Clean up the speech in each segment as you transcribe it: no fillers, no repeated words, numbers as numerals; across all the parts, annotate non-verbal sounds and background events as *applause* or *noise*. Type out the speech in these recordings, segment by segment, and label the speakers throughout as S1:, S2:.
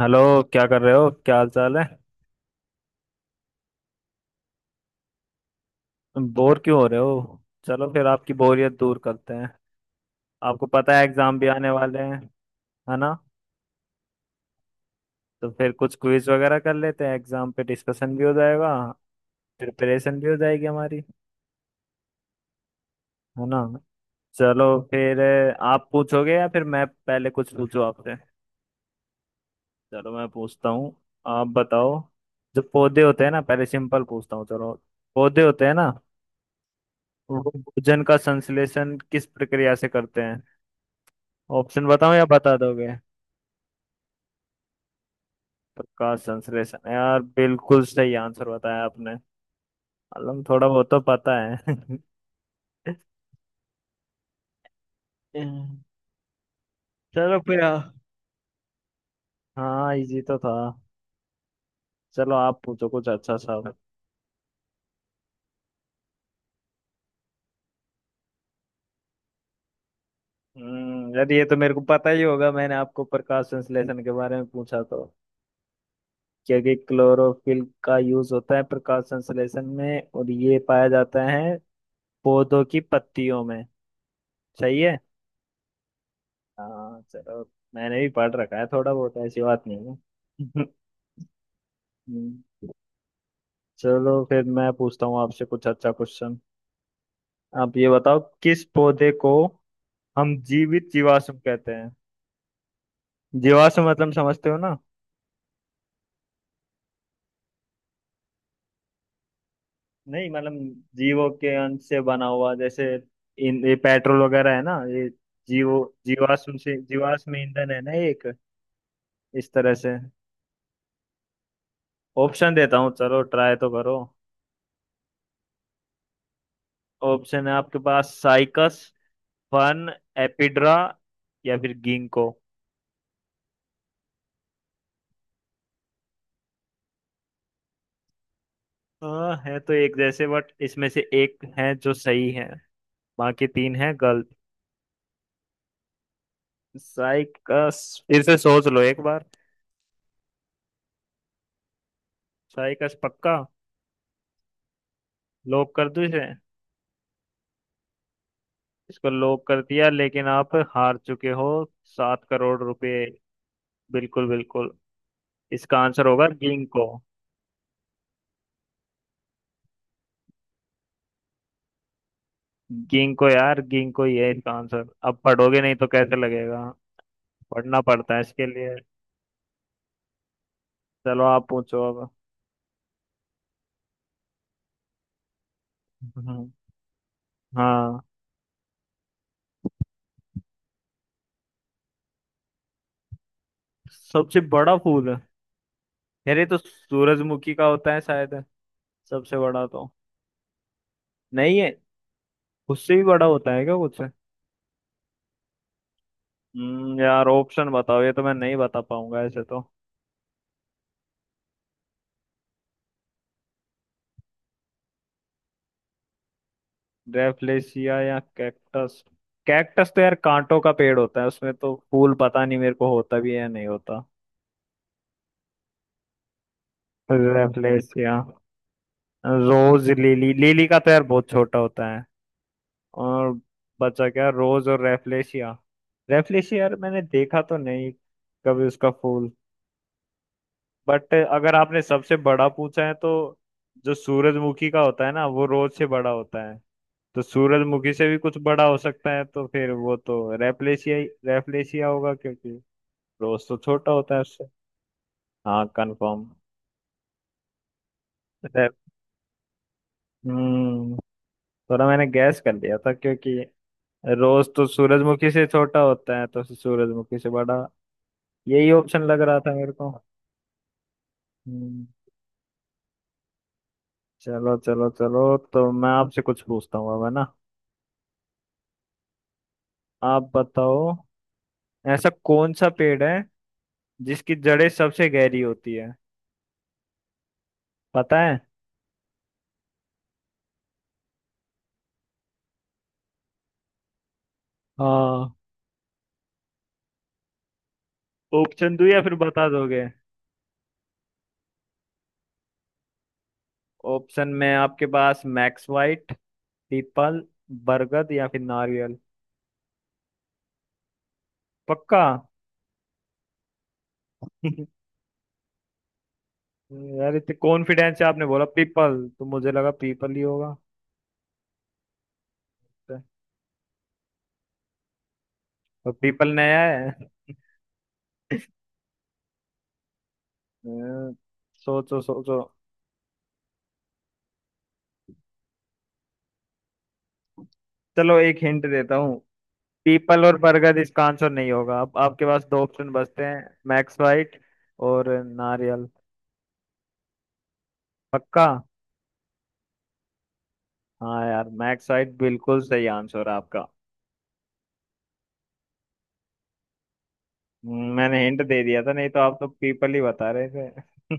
S1: Hello. क्या कर रहे हो? क्या हाल चाल है? बोर क्यों हो रहे हो? चलो फिर आपकी बोरियत दूर करते हैं। आपको पता है एग्जाम भी आने वाले हैं। है ना। तो फिर कुछ क्विज वगैरह कर लेते हैं, एग्जाम पे डिस्कशन भी हो जाएगा। प्रिपरेशन भी हो जाएगी हमारी। है ना। चलो फिर आप पूछोगे या फिर मैं पहले कुछ पूछूं आपसे? चलो, मैं पूछता हूँ। आप बताओ। जो पौधे होते हैं ना, पहले सिंपल पूछता हूँ चलो। पौधे होते हैं ना, वो भोजन का संश्लेषण किस प्रक्रिया से करते हैं? ऑप्शन बताऊं या बता दोगे? प्रकाश संश्लेषण। यार बिल्कुल सही आंसर बताया आपने। मतलब थोड़ा बहुत तो पता है। *laughs* हम्म, चलो फिर हाँ, इजी तो था। चलो, आप पूछो कुछ अच्छा सा। यार ये तो मेरे को पता ही होगा, मैंने आपको प्रकाश संश्लेषण के बारे में पूछा तो। क्योंकि क्लोरोफिल का यूज होता है प्रकाश संश्लेषण में, और ये पाया जाता है पौधों की पत्तियों में। सही है। हाँ चलो। मैंने भी पढ़ रखा है थोड़ा बहुत, ऐसी बात नहीं है। *laughs* हम्म, चलो फिर मैं पूछता हूँ आपसे कुछ अच्छा क्वेश्चन। आप ये बताओ, किस पौधे को हम जीवित जीवाश्म कहते हैं? जीवाश्म मतलब समझते हो ना? नहीं मतलब, जीवों के अंश से बना हुआ, जैसे इन ये पेट्रोल वगैरह है ना, ये जीवो जीवाश्म से, जीवाश्म ईंधन है ना एक, इस तरह से। ऑप्शन देता हूँ, चलो ट्राई तो करो। ऑप्शन है आपके पास साइकस, फन, एपिड्रा, या फिर गिंको। हाँ, है तो एक जैसे, बट इसमें से एक है जो सही है। बाकी तीन है गलत। साइकस? फिर से सोच लो एक बार। साइकस पक्का? लॉक कर दूं इसे? इसको लॉक कर दिया, लेकिन आप हार चुके हो। 7 करोड़ रुपए। बिल्कुल बिल्कुल। इसका आंसर होगा गिंको। गिंको, यार गिंको ही है इसका आंसर। अब पढ़ोगे नहीं तो कैसे लगेगा? पढ़ना पड़ता है इसके लिए। चलो आप पूछो अब। *laughs* हम्म, हाँ। सबसे बड़ा फूल है? यार ये तो सूरजमुखी का होता है शायद। सबसे बड़ा तो नहीं है? उससे भी बड़ा होता है क्या कुछ? यार ऑप्शन बताओ, ये तो मैं नहीं बता पाऊंगा ऐसे तो। ड्रेफलेसिया या कैक्टस? कैक्टस तो यार कांटों का पेड़ होता है, उसमें तो फूल पता नहीं मेरे को होता भी है या नहीं होता। ड्रेफलेसिया। रोज लिली, लिली का तो यार बहुत छोटा होता है। और बचा क्या, रोज और रेफलेशिया। रेफलेशिया, यार मैंने देखा तो नहीं कभी उसका फूल। बट अगर आपने सबसे बड़ा पूछा है तो, जो सूरजमुखी का होता है ना, वो रोज से बड़ा होता है। तो सूरजमुखी से भी कुछ बड़ा हो सकता है, तो फिर वो तो रैपलेशिया ही रैपलेशिया होगा, क्योंकि रोज तो छोटा होता है उससे। हाँ कंफर्म। हम्म थोड़ा मैंने गैस कर लिया था, क्योंकि रोज तो सूरजमुखी से छोटा होता है, तो सूरजमुखी से बड़ा। यही ऑप्शन लग रहा था मेरे को। हम्म चलो चलो चलो, तो मैं आपसे कुछ पूछता हूँ अब, है ना? आप बताओ। ऐसा कौन सा पेड़ है जिसकी जड़ें सबसे गहरी होती है? पता है? हाँ। ऑप्शन दो या फिर बता दोगे? ऑप्शन में आपके पास मैक्स वाइट, पीपल, बरगद, या फिर नारियल। पक्का? *laughs* यार इतने कॉन्फिडेंस से आपने बोला पीपल तो मुझे लगा पीपल ही होगा। तो पीपल नया है? अ, सोचो सोचो। चलो, एक हिंट देता हूँ। पीपल और बरगद इसका आंसर नहीं होगा, अब आपके पास दो ऑप्शन बचते हैं, मैक्स वाइट और नारियल। पक्का? हाँ यार, मैक साइट बिल्कुल सही आंसर है आपका। मैंने हिंट दे दिया था, नहीं तो आप तो पीपल ही बता रहे थे। *laughs*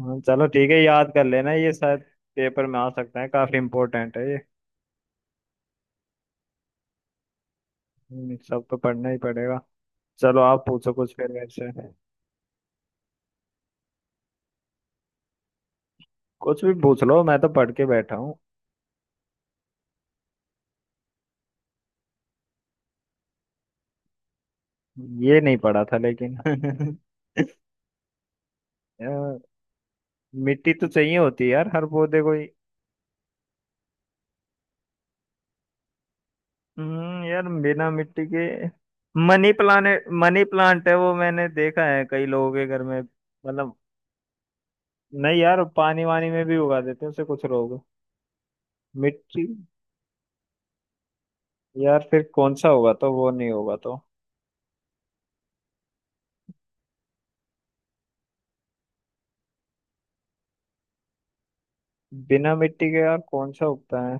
S1: हाँ, चलो ठीक है, याद कर लेना ये, शायद पेपर में आ सकता है, काफी इम्पोर्टेंट है ये। सब तो पढ़ना ही पड़ेगा। चलो आप पूछो कुछ फिर मेरे से। कुछ भी पूछ लो, मैं तो पढ़ के बैठा हूँ। ये नहीं पढ़ा था लेकिन। *laughs* अ, मिट्टी तो चाहिए होती है यार हर पौधे को। यार बिना मिट्टी के। मनी प्लांट, मनी प्लांट है वो, मैंने देखा है कई लोगों के घर में मतलब। नहीं यार, पानी वानी में भी उगा देते हैं उसे कुछ लोग। मिट्टी? यार फिर कौन सा होगा, तो वो नहीं होगा तो। बिना मिट्टी के यार कौन सा उगता है?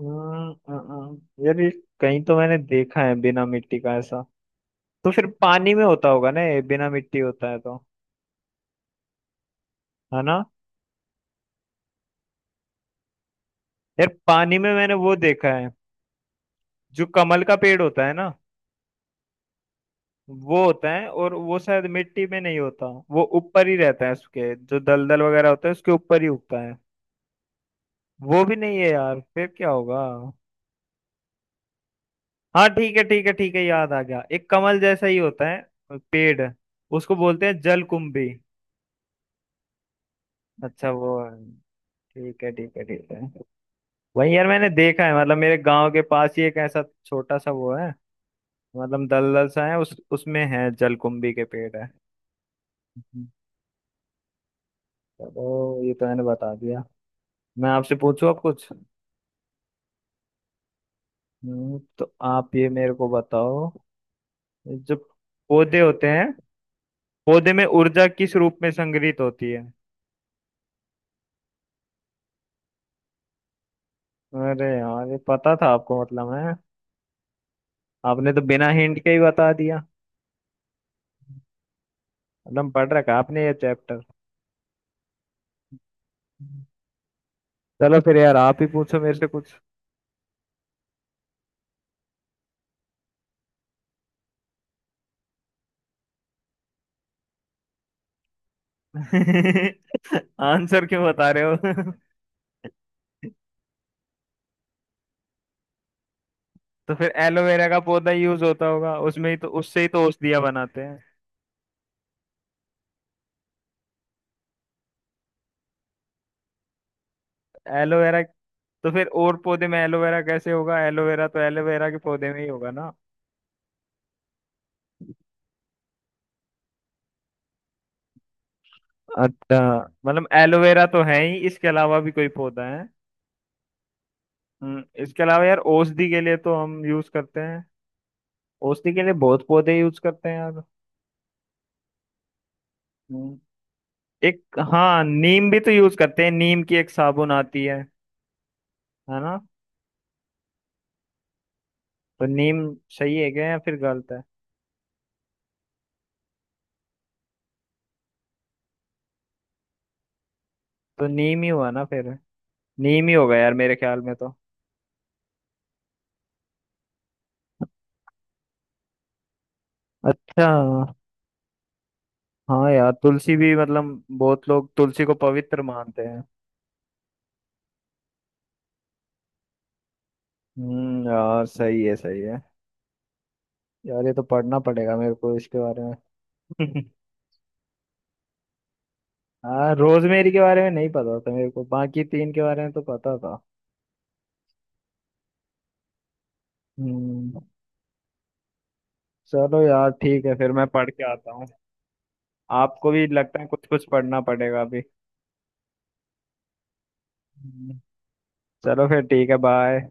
S1: यार ये कहीं तो मैंने देखा है बिना मिट्टी का ऐसा। तो फिर पानी में होता होगा ना ये, बिना मिट्टी होता है तो। है ना। यार, पानी में मैंने वो देखा है, जो कमल का पेड़ होता है ना। वो होता है, और वो शायद मिट्टी में नहीं होता, वो ऊपर ही रहता है, उसके जो दलदल वगैरह होता है उसके ऊपर ही उगता है। वो भी नहीं है यार? फिर क्या होगा? हाँ ठीक है ठीक है ठीक है, याद आ गया, एक कमल जैसा ही होता है पेड़। उसको बोलते हैं जलकुंभी। अच्छा वो है। ठीक है ठीक है ठीक है। वही यार मैंने देखा है मतलब, मेरे गांव के पास ही एक ऐसा छोटा सा वो है। मतलब दलदल सा है, उस उसमें है जलकुंभी के पेड़ है। हम्म। चलो ये तो मैंने बता दिया। मैं आपसे पूछूं अब कुछ? तो आप ये मेरे को बताओ, जो पौधे होते हैं, पौधे में ऊर्जा किस रूप में संग्रहित होती है? अरे यार, ये पता था आपको मतलब? है आपने तो बिना हिंट के ही बता दिया। मतलब पढ़ रखा है आपने ये चैप्टर। चलो फिर यार, आप ही पूछो मेरे से। कुछ *laughs* आंसर क्यों बता रहे हो? *laughs* तो फिर एलोवेरा का पौधा यूज होता होगा उसमें ही, तो उससे ही तो औषधियां बनाते हैं। एलोवेरा। तो फिर और पौधे में एलोवेरा कैसे होगा? एलोवेरा तो एलोवेरा के पौधे में ही होगा ना। अच्छा। मतलब एलोवेरा तो है ही, इसके अलावा भी कोई पौधा है? इसके अलावा यार औषधि के लिए तो हम यूज करते हैं। औषधि के लिए बहुत पौधे यूज करते हैं यार। हम्म, एक। हाँ नीम भी तो यूज करते हैं, नीम की एक साबुन आती है। है ना। तो नीम, सही है क्या या फिर गलत है? तो नीम ही हुआ ना फिर। नीम ही होगा यार, मेरे ख्याल में तो। अच्छा। हाँ यार, तुलसी भी मतलब बहुत लोग तुलसी को पवित्र मानते हैं। यार सही है सही है। यार ये तो पढ़ना पड़ेगा मेरे को इसके बारे में। *laughs* हाँ रोजमेरी के बारे में नहीं पता था मेरे को, बाकी तीन के बारे में तो पता था। हम्म चलो यार ठीक है, फिर मैं पढ़ के आता हूँ। आपको भी लगता है कुछ कुछ पढ़ना पड़ेगा अभी? हम्म, चलो फिर ठीक है, बाय।